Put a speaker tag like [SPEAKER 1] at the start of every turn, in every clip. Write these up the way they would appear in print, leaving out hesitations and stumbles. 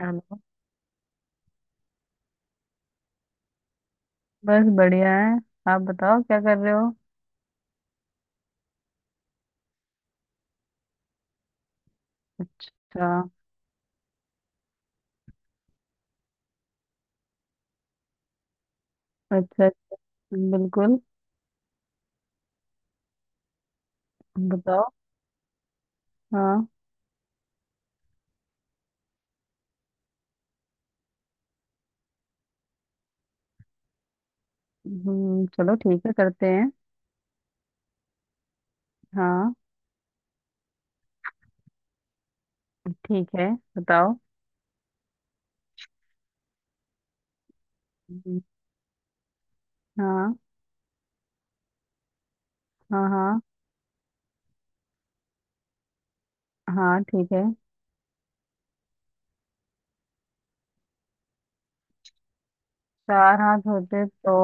[SPEAKER 1] Hello. बस बढ़िया है। आप बताओ क्या कर रहे हो। अच्छा। अच्छा। बिल्कुल। बताओ। हाँ। चलो ठीक है करते हैं। हाँ ठीक है। बताओ। हम्म। हाँ हाँ। हाँ। हाँ ठीक है। चार हाथ होते तो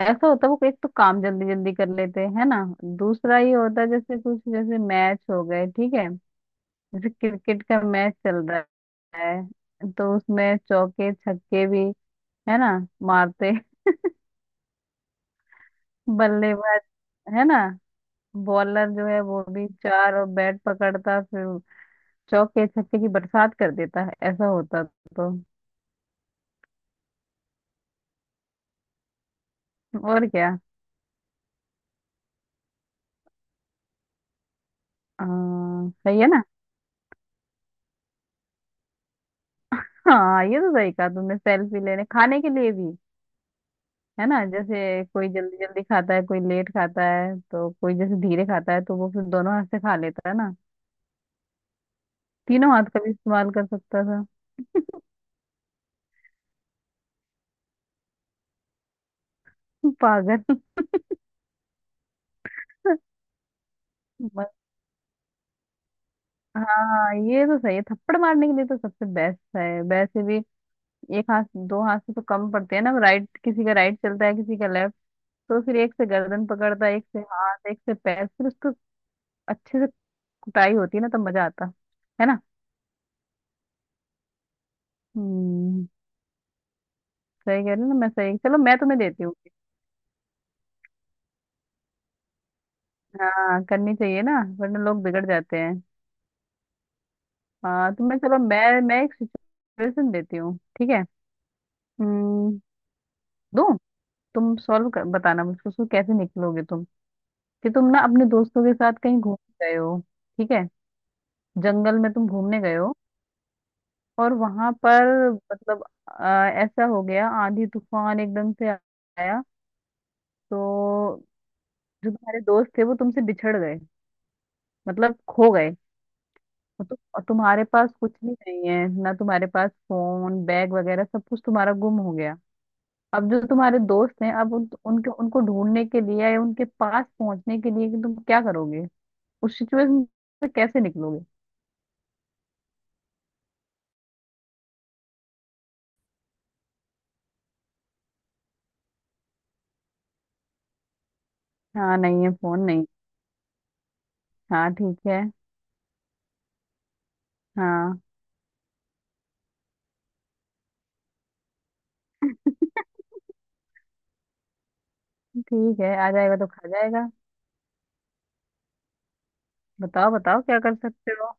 [SPEAKER 1] ऐसा होता। वो एक तो काम जल्दी जल्दी कर लेते हैं ना। दूसरा ये होता है, जैसे कुछ जैसे मैच हो गए ठीक है, जैसे क्रिकेट का मैच चल रहा है तो उसमें चौके छक्के भी है ना मारते बल्लेबाज, है ना। बॉलर जो है वो भी चार और बैट पकड़ता फिर चौके छक्के की बरसात कर देता है। ऐसा होता तो। और क्या। हाँ, सही है ना। हाँ ये तो सही कहा तुमने, सेल्फी लेने खाने के लिए भी, है ना। जैसे कोई जल्दी जल्दी खाता है, कोई लेट खाता है, तो कोई जैसे धीरे खाता है तो वो फिर दोनों हाथ से खा लेता है ना। तीनों हाथ का भी इस्तेमाल कर सकता था। पागल। मत- हाँ ये तो सही है, थप्पड़ मारने के लिए तो सबसे बेस्ट है। वैसे भी एक हाथ दो हाथ से तो कम पड़ते हैं ना। राइट, किसी का राइट चलता है किसी का लेफ्ट। तो फिर एक से गर्दन पकड़ता है, एक से हाथ, एक से पैर, फिर उसको अच्छे से कुटाई होती है ना, तब मजा आता है ना। हम्म। सही कह रही हूँ ना मैं। सही, चलो मैं तुम्हें देती हूँ। हाँ करनी चाहिए ना, वरना लोग बिगड़ जाते हैं। हाँ तुम्हें चलो मैं एक सिचुएशन देती हूँ ठीक है। हम्म। दूँ। तुम सॉल्व कर बताना मुझको, उसको कैसे निकलोगे तुम। कि तुम ना अपने दोस्तों के साथ कहीं घूमने गए हो। ठीक है। जंगल में तुम घूमने गए हो और वहां पर मतलब ऐसा हो गया, आंधी तूफान एकदम से आया तो जो तुम्हारे दोस्त थे वो तुमसे बिछड़ गए, मतलब खो गए। और तुम और तुम्हारे पास कुछ भी नहीं है ना, तुम्हारे पास फोन बैग वगैरह सब कुछ तुम्हारा गुम हो गया। अब जो तुम्हारे दोस्त हैं, अब उनके उनको ढूंढने के लिए या उनके पास पहुंचने के लिए कि तुम क्या करोगे, उस सिचुएशन से कैसे निकलोगे। हाँ नहीं है, फोन नहीं। हाँ ठीक है। हाँ ठीक है, आ जाएगा तो खा जाएगा। बताओ बताओ, क्या कर सकते हो।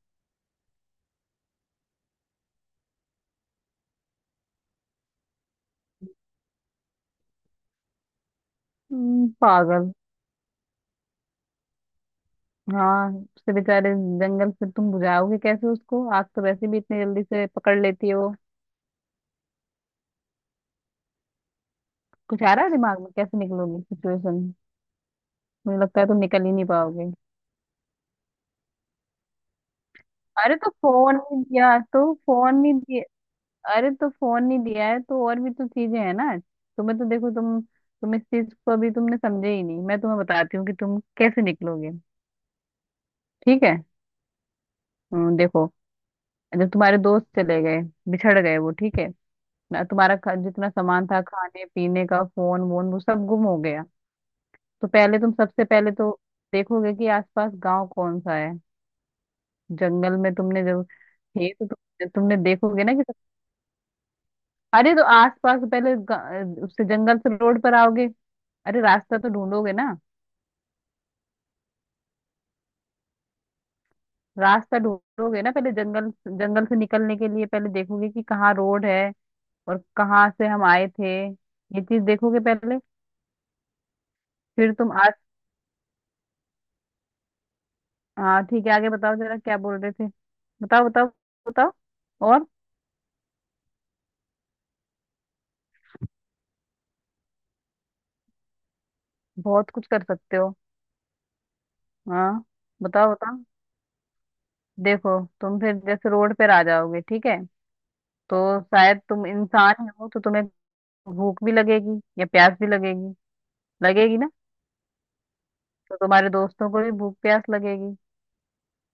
[SPEAKER 1] पागल। हाँ। उसके बेचारे जंगल से तुम बुझाओगे कैसे उसको, आग तो वैसे भी इतनी जल्दी से पकड़ लेती है वो। कुछ आ रहा है दिमाग में, कैसे निकलोगी सिचुएशन। मुझे लगता है तुम निकल ही नहीं पाओगे। अरे तो फोन नहीं दिया तो फोन नहीं दिया। अरे तो फोन नहीं दिया है तो और भी तो चीजें हैं ना। तुम्हें तो देखो, तुम इस चीज को अभी तुमने समझे ही नहीं। मैं तुम्हें बताती हूँ कि तुम कैसे निकलोगे। ठीक है। देखो जब तुम्हारे दोस्त चले गए, बिछड़ गए वो ठीक है ना, तुम्हारा जितना सामान था खाने पीने का, फोन वोन वो सब गुम हो गया। तो पहले तुम, सबसे पहले तो देखोगे कि आसपास गांव कौन सा है। जंगल में तुमने जब थे तो तुमने देखोगे ना कि, अरे तो आसपास पहले उससे जंगल से रोड पर आओगे। अरे रास्ता तो ढूंढोगे ना। रास्ता ढूंढोगे ना पहले, जंगल, जंगल से निकलने के लिए पहले देखोगे कि कहाँ रोड है और कहाँ से हम आए थे। ये चीज देखोगे पहले। फिर तुम, हाँ ठीक है आगे बताओ जरा, क्या बोल रहे थे। बताओ बताओ। बताओ। और। बहुत कुछ कर सकते हो। हाँ बताओ बताओ। देखो तुम फिर जैसे रोड पर आ जाओगे ठीक है, तो शायद तुम इंसान ही हो तो तुम्हें भूख भी लगेगी या प्यास भी लगेगी। लगेगी ना। तो तुम्हारे दोस्तों को भी भूख प्यास लगेगी।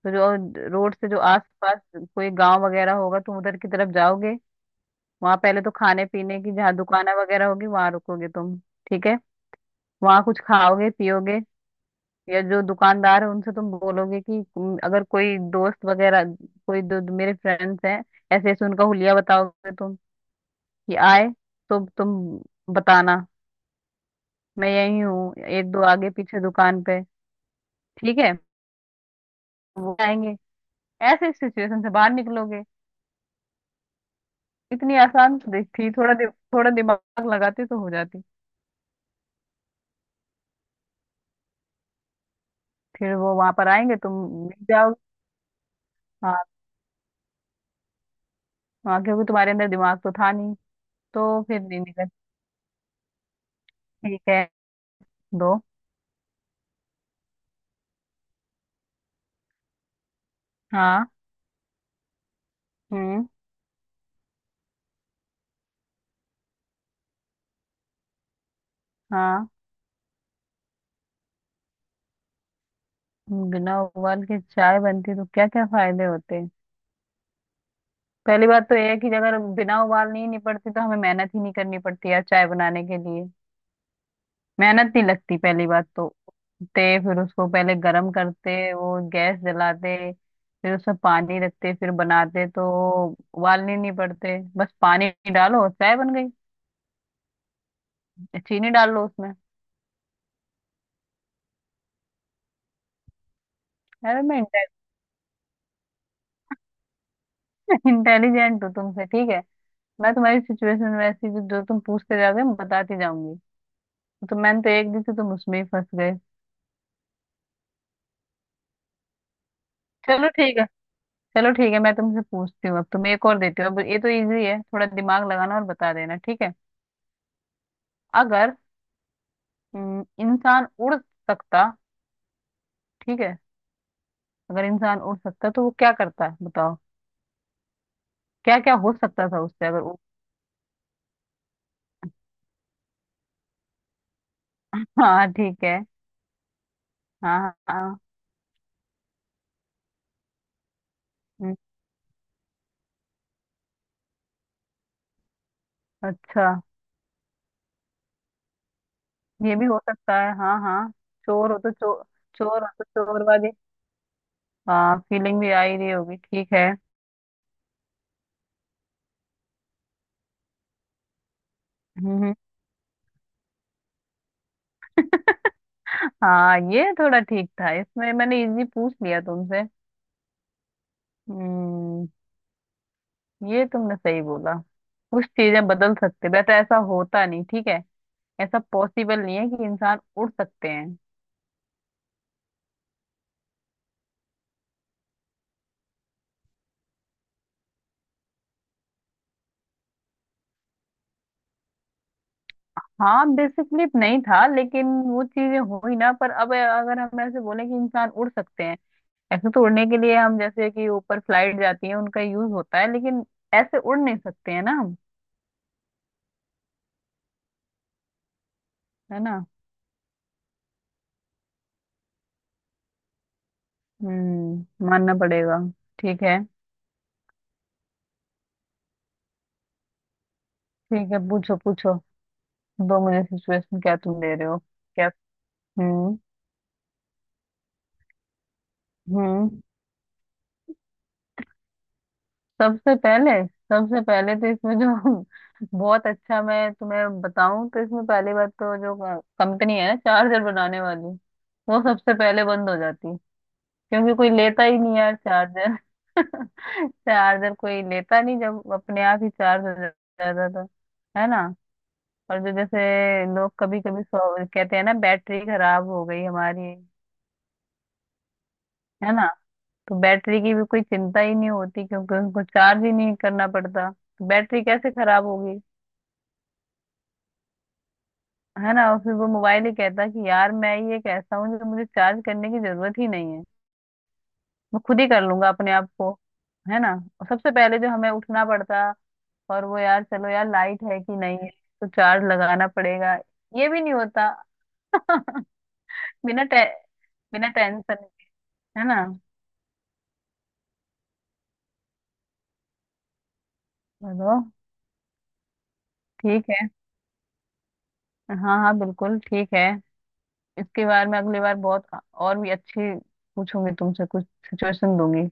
[SPEAKER 1] तो जो रोड से जो आसपास कोई गांव वगैरह होगा तुम उधर की तरफ जाओगे। वहां पहले तो खाने पीने की जहाँ दुकानें वगैरह होगी वहां रुकोगे तुम, ठीक है। वहां कुछ खाओगे पियोगे या जो दुकानदार है उनसे तुम बोलोगे कि अगर कोई दोस्त वगैरह, कोई दो मेरे फ्रेंड्स हैं ऐसे ऐसे, उनका हुलिया बताओगे तुम, कि आए तो तुम बताना, मैं यही हूँ एक दो आगे पीछे दुकान पे। ठीक है, वो आएंगे। ऐसे सिचुएशन से बाहर निकलोगे। इतनी आसान तो थी, थोड़ा थोड़ा दिमाग लगाती तो हो जाती। फिर वो वहां पर आएंगे, तुम मिल जाओगे। हाँ। हाँ क्योंकि तुम्हारे अंदर दिमाग तो था नहीं तो फिर नहीं निकल। ठीक है। दो। हाँ। हम्म। हाँ, बिना उबाल के चाय बनती तो क्या क्या फायदे होते हैं। पहली बात तो यह है कि अगर बिना उबाल नहीं निपटती तो हमें मेहनत ही नहीं करनी पड़ती यार चाय बनाने के लिए। मेहनत नहीं लगती पहली बात तो। ते फिर उसको पहले गरम करते, वो गैस जलाते फिर उसमें पानी रखते फिर बनाते तो, उबालने नहीं पड़ते, बस पानी डालो चाय बन गई। चीनी डाल लो उसमें। अरे मैं इंटेलिजेंट हूँ तुमसे ठीक है। मैं तुम्हारी सिचुएशन वैसी, जो जो तुम पूछते जाओगे मैं बताती जाऊंगी। तो मैंने तो एक दी थी, तुम उसमें ही फंस गए। चलो ठीक है। चलो ठीक है मैं तुमसे पूछती हूँ। अब तुम एक और देती हो अब, ये तो इजी है, थोड़ा दिमाग लगाना और बता देना। ठीक है अगर, इंसान उड़ सकता ठीक है, अगर इंसान उड़ सकता तो वो क्या करता है बताओ। क्या क्या हो सकता था उससे अगर उड़। हाँ ठीक है। हाँ हाँ हाँ। हम्म, अच्छा, ये भी हो सकता है, हाँ हाँ। चोर हो तो चोर, चोर हो तो चोर वाली हाँ फीलिंग भी आ ही रही होगी ठीक है। हम्म हम्म। हाँ ये थोड़ा ठीक था, इसमें मैंने इजी पूछ लिया तुमसे। हम्म। ये तुमने सही बोला। कुछ चीजें बदल सकते वैसे, ऐसा होता नहीं ठीक है। ऐसा पॉसिबल नहीं है कि इंसान उड़ सकते हैं। हाँ बेसिकली नहीं था लेकिन वो चीजें हुई ना, पर अब अगर हम ऐसे बोले कि इंसान उड़ सकते हैं, ऐसे तो। उड़ने के लिए हम जैसे कि ऊपर फ्लाइट जाती है उनका यूज होता है लेकिन ऐसे उड़ नहीं सकते हैं ना हम, है ना। हम्म, मानना पड़ेगा। ठीक है। ठीक है पूछो पूछो, दो मुझे, सिचुएशन क्या तुम दे रहे हो। क्या। हम्म। हम्म। सबसे पहले, सबसे पहले तो इसमें जो, बहुत अच्छा, मैं तुम्हें बताऊं तो इसमें पहली बात तो जो कंपनी है ना चार्जर बनाने वाली, वो सबसे पहले बंद हो जाती क्योंकि कोई लेता ही नहीं यार चार्जर। चार्जर कोई लेता नहीं जब अपने आप ही चार्ज हो जाता था, है ना। और जो जैसे लोग कभी कभी कहते हैं ना, बैटरी खराब हो गई हमारी, है ना। तो बैटरी की भी कोई चिंता ही नहीं होती क्योंकि उनको चार्ज ही नहीं करना पड़ता तो बैटरी कैसे खराब होगी। है ना। और फिर वो मोबाइल ही कहता है कि यार मैं ये कैसा हूँ जो मुझे चार्ज करने की जरूरत ही नहीं है। मैं खुद ही कर लूंगा अपने आप को, है ना। और सबसे पहले जो हमें उठना पड़ता और वो, यार चलो यार लाइट है कि नहीं है तो चार्ज लगाना पड़ेगा, ये भी नहीं होता। बिना टे, बिना टेंशन, है ना। चलो। ठीक है। हाँ हाँ बिल्कुल ठीक है। इसके बारे में अगली बार बहुत, और भी अच्छी पूछूंगी तुमसे, कुछ सिचुएशन दूंगी।